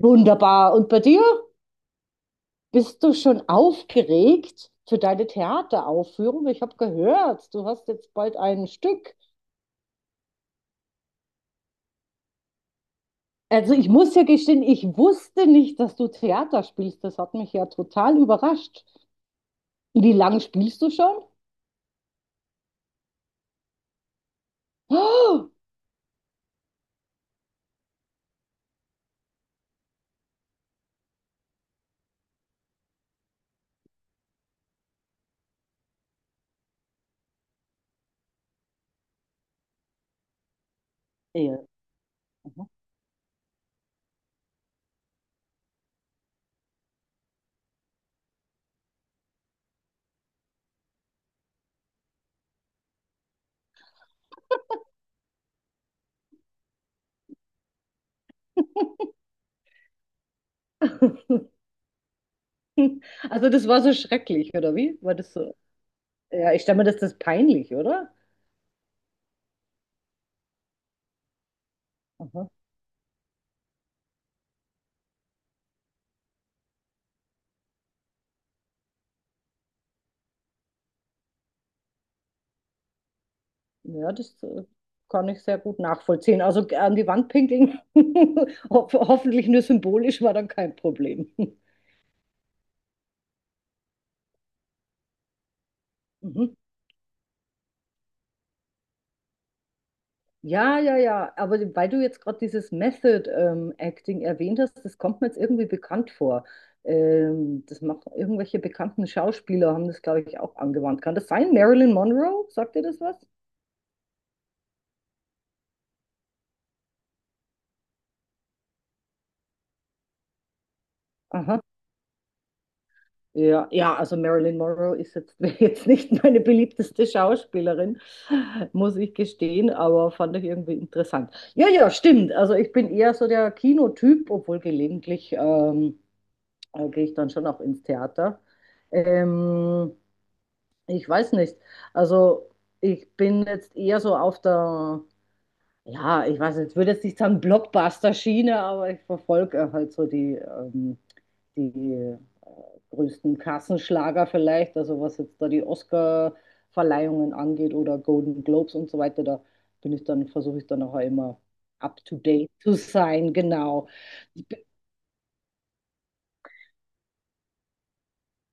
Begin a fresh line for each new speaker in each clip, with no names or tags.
Wunderbar. Und bei dir? Bist du schon aufgeregt für deine Theateraufführung? Ich habe gehört, du hast jetzt bald ein Stück. Also ich muss ja gestehen, ich wusste nicht, dass du Theater spielst. Das hat mich ja total überrascht. Wie lange spielst du schon? Oh, ja. Aha. Also das war so schrecklich, oder wie? War das so? Ja, ich stelle mir das, peinlich, oder? Aha. Ja, das kann ich sehr gut nachvollziehen. Also an die Wand pinkeln, ho hoffentlich nur symbolisch, war dann kein Problem. Mhm. Ja, ja, ja. Aber weil du jetzt gerade dieses Method Acting erwähnt hast, das kommt mir jetzt irgendwie bekannt vor. Das machen irgendwelche bekannten Schauspieler, haben das, glaube ich, auch angewandt. Kann das sein? Marilyn Monroe? Sagt dir das was? Aha. Ja, ja, also Marilyn Monroe ist jetzt, wäre jetzt nicht meine beliebteste Schauspielerin, muss ich gestehen, aber fand ich irgendwie interessant. Ja, ja, stimmt. Also ich bin eher so der Kinotyp, obwohl gelegentlich da gehe ich dann schon auch ins Theater. Ähm, Ich weiß nicht. Also ich bin jetzt eher so auf der, ja, ich weiß, jetzt würde jetzt nicht sagen Blockbuster-Schiene, aber ich verfolge halt so die größten Kassenschlager vielleicht, also was jetzt da die Oscar-Verleihungen angeht oder Golden Globes und so weiter, da bin ich dann, versuche ich dann auch immer up to date zu sein, genau.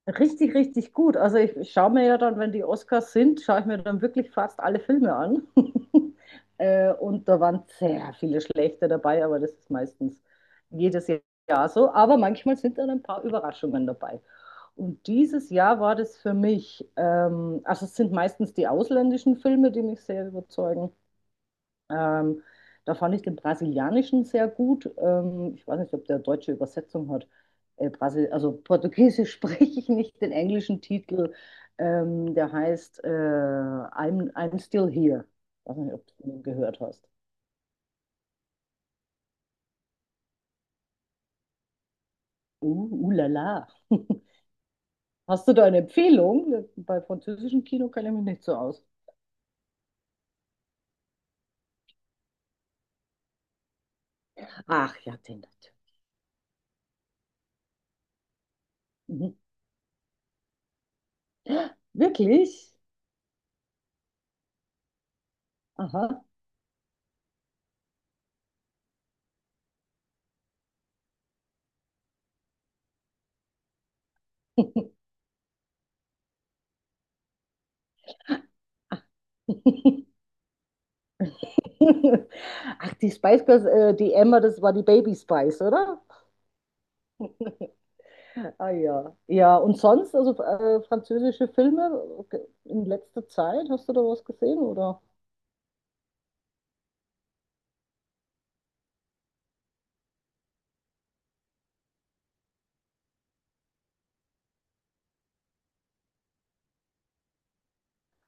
Richtig, richtig gut. Also ich schaue mir ja dann, wenn die Oscars sind, schaue ich mir dann wirklich fast alle Filme an. Und da waren sehr viele schlechte dabei, aber das ist meistens jedes Jahr so. Aber manchmal sind dann ein paar Überraschungen dabei. Und dieses Jahr war das für mich, also es sind meistens die ausländischen Filme, die mich sehr überzeugen. Ähm, da fand ich den brasilianischen sehr gut. Ich weiß nicht, ob der deutsche Übersetzung hat. Brasil, also Portugiesisch spreche ich nicht, den englischen Titel. Der heißt I'm Still Here. Ich weiß nicht, ob du den gehört hast. La la. Hast du da eine Empfehlung? Bei französischem Kino kenne ich mich nicht so aus. Ach ja, den natürlich. Mhm. Wirklich? Aha. Ach, die Spice Girls, die Emma, das war die Baby Spice, oder? Ah ja. Ja, und sonst, also französische Filme in letzter Zeit, hast du da was gesehen, oder?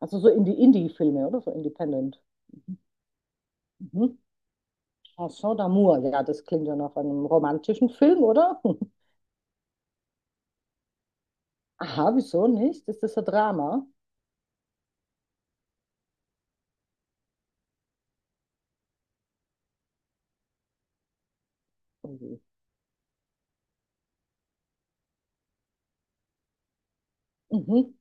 Also so in die Indie-Filme, oder? So Independent. Mhm. Chanson d'amour, ja, das klingt ja nach einem romantischen Film, oder? Aha, wieso nicht? Ist das ein Drama? Mhm. Mhm.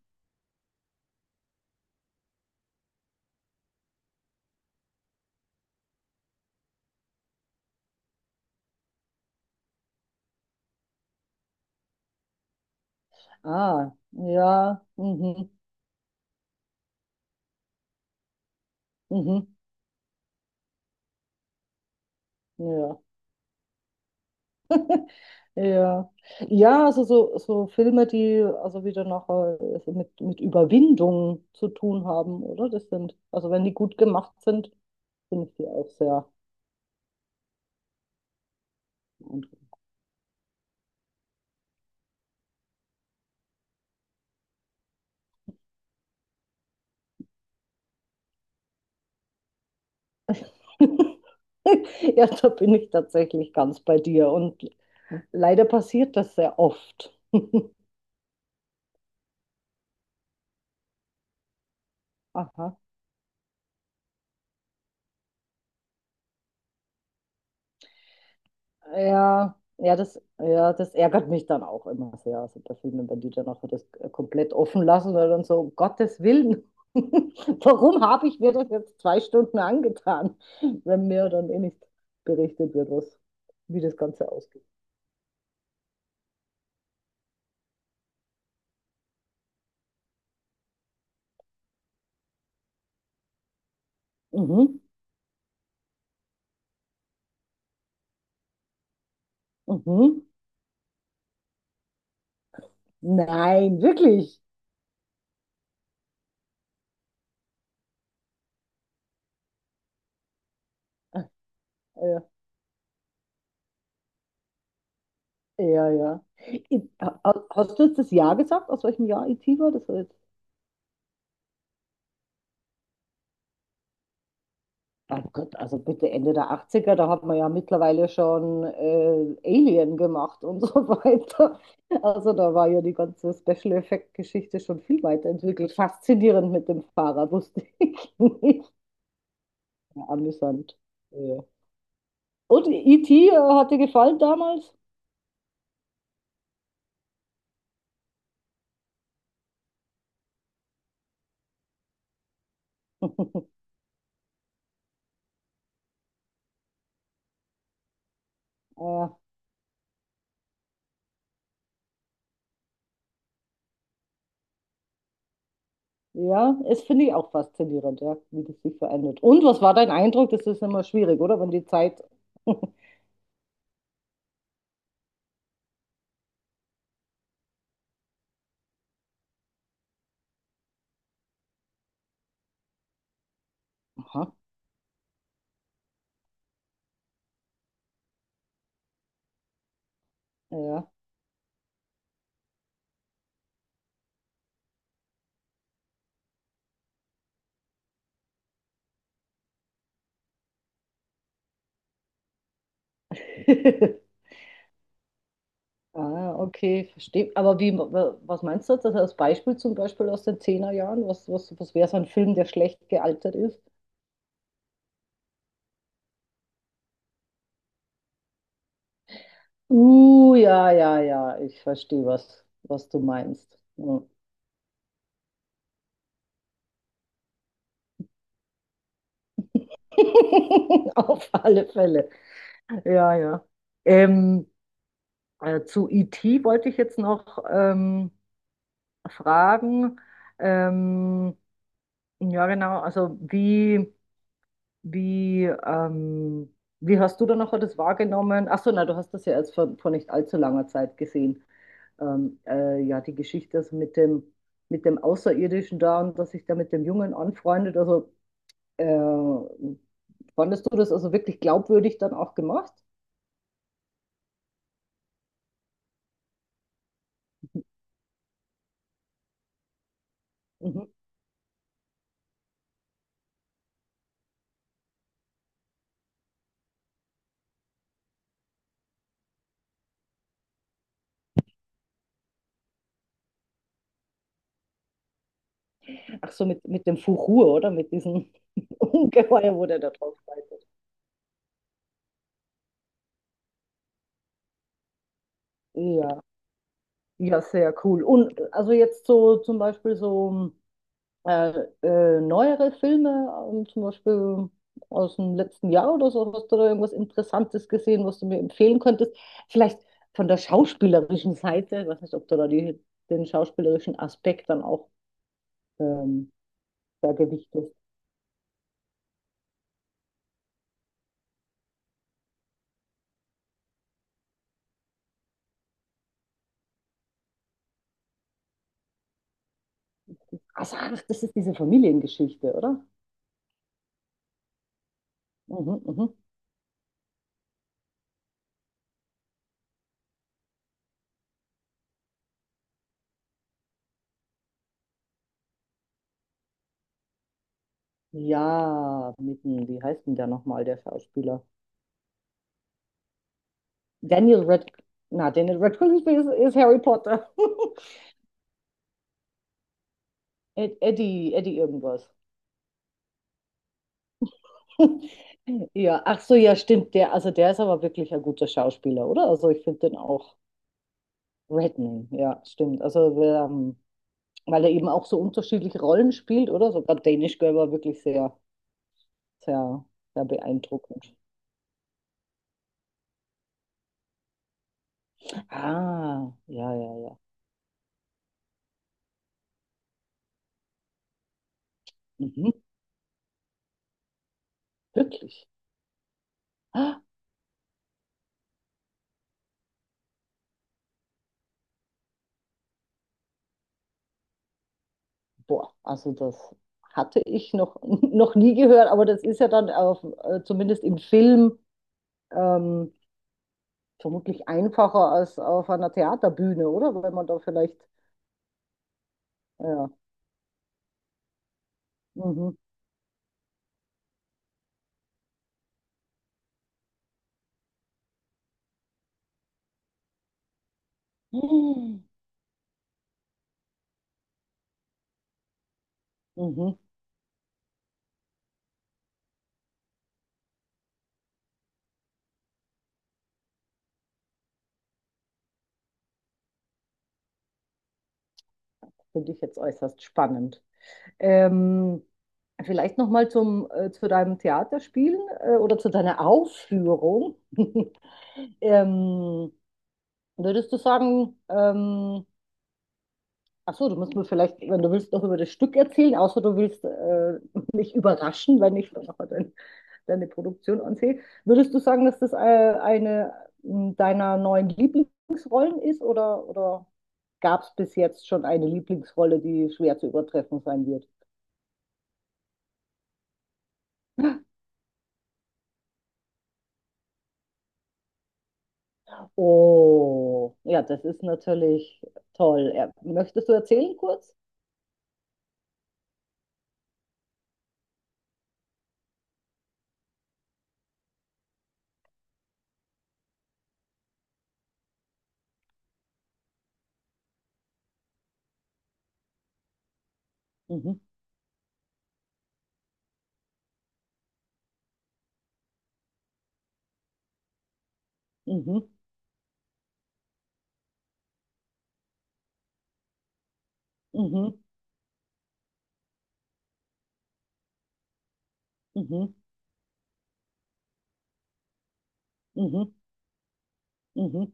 Ah, ja, mhm, mhm, ja. Ja. Ja, Ja, also so Filme, die also wieder nachher so mit Überwindung zu tun haben, oder? Das sind, also wenn die gut gemacht sind, finde ich die auch sehr beeindruckend. Ja, da bin ich tatsächlich ganz bei dir. Und leider passiert das sehr oft. Aha. Ja, ja, das ärgert mich dann auch immer sehr. Also bei Filmen, wenn die dann auch das komplett offen lassen oder dann so, um Gottes Willen, warum habe ich mir das jetzt zwei Stunden angetan, wenn mir dann eh nicht berichtet wird, was, wie das Ganze ausgeht. Mhm, mhm. Nein, wirklich. Ja, ja, ja. I- ha- Hast du jetzt das Jahr gesagt, aus welchem Jahr IT war? Das war. Oh Gott, also bitte Ende der Achtziger. Da hat man ja mittlerweile schon Alien gemacht und so weiter. Also da war ja die ganze Special-Effekt-Geschichte schon viel weiterentwickelt. Faszinierend mit dem Fahrrad, wusste ich nicht. Ja, amüsant. Ja. Und E.T. Hat dir gefallen damals? Äh, ja, es finde ich auch faszinierend, ja, wie das sich verändert. Und was war dein Eindruck? Das ist immer schwierig, oder? Wenn die Zeit. Aha, ja. Ah, okay, verstehe. Aber was meinst du jetzt? Also als Beispiel zum Beispiel aus den Zehnerjahren? Was wäre so ein Film, der schlecht gealtert ist? Ja, ja, ja, ich verstehe, was du meinst. Ja. Auf alle Fälle. Ja, ja. Ähm, zu IT wollte ich jetzt noch fragen. Ähm, ja, genau, also wie. Wie, ähm, wie hast du dann nachher das wahrgenommen? Ach so, na, du hast das ja erst vor nicht allzu langer Zeit gesehen. Ja, die Geschichte also mit dem Außerirdischen da und dass sich da mit dem Jungen anfreundet. Äh, Fandest du das also wirklich glaubwürdig dann auch gemacht? Mhm. Ach so, mit dem Fuchur, oder? Mit diesem Ungeheuer, wo der da drauf reitet. Ja, ja, sehr cool. Und also jetzt so zum Beispiel so. Äh, Neuere Filme, zum Beispiel aus dem letzten Jahr oder so, hast du da irgendwas Interessantes gesehen, was du mir empfehlen könntest? Vielleicht von der schauspielerischen Seite, ich weiß nicht, ob du da die, den schauspielerischen Aspekt dann auch ähm, da gewichtest. Also, ach, das ist diese Familiengeschichte, oder? Mhm, mhm. Ja, mit, wie heißt denn der nochmal, der Schauspieler? Daniel Radcliffe, na, Daniel Radcliffe ist Harry Potter. Eddie irgendwas. Ja, ach so, ja, stimmt. Der, also der ist aber wirklich ein guter Schauspieler, oder? Also ich finde den auch Redman, ja, stimmt. Also weil er eben auch so unterschiedliche Rollen spielt, oder? Sogar Danish Girl war wirklich sehr, sehr, sehr beeindruckend. Ah, ja, ja, ja. Mhm, wirklich. Ah, boah, also das hatte ich noch, noch nie gehört, aber das ist ja dann auf, zumindest im Film ähm, vermutlich einfacher als auf einer Theaterbühne, oder? Weil man da vielleicht. Ja. Mhm. Mhm. Finde ich jetzt äußerst spannend. Ähm, vielleicht noch mal zum zu deinem Theaterspielen oder zu deiner Aufführung. Ähm, würdest du sagen, ach so, du musst mir vielleicht, wenn du willst, noch über das Stück erzählen, außer du willst mich überraschen, wenn ich mir noch mal deine Produktion ansehe. Würdest du sagen, dass das eine deiner neuen Lieblingsrollen ist oder? Gab es bis jetzt schon eine Lieblingsrolle, die schwer zu übertreffen sein wird. Oh, ja, das ist natürlich toll. Ja, möchtest du erzählen kurz? Mhm, mhm, mhm, mhm, mhm, mhm,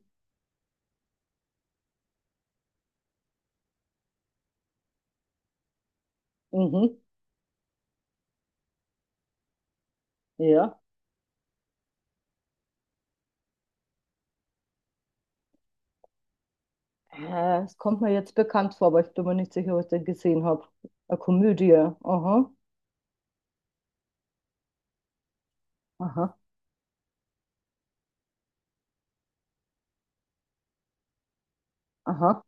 mhm, ja. Es kommt mir jetzt bekannt vor, aber ich bin mir nicht sicher, ob ich den gesehen habe. Eine Komödie. Aha, aha, aha.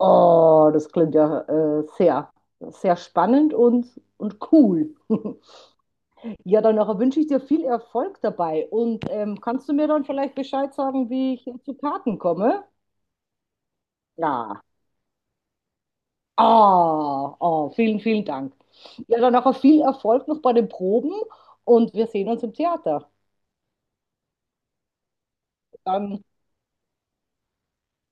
Oh, das klingt ja sehr, sehr spannend und, cool. Ja, dann nachher wünsche ich dir viel Erfolg dabei. Und kannst du mir dann vielleicht Bescheid sagen, wie ich zu Karten komme? Ja. Ah, ah, vielen, vielen Dank. Ja, dann nachher viel Erfolg noch bei den Proben und wir sehen uns im Theater. Dann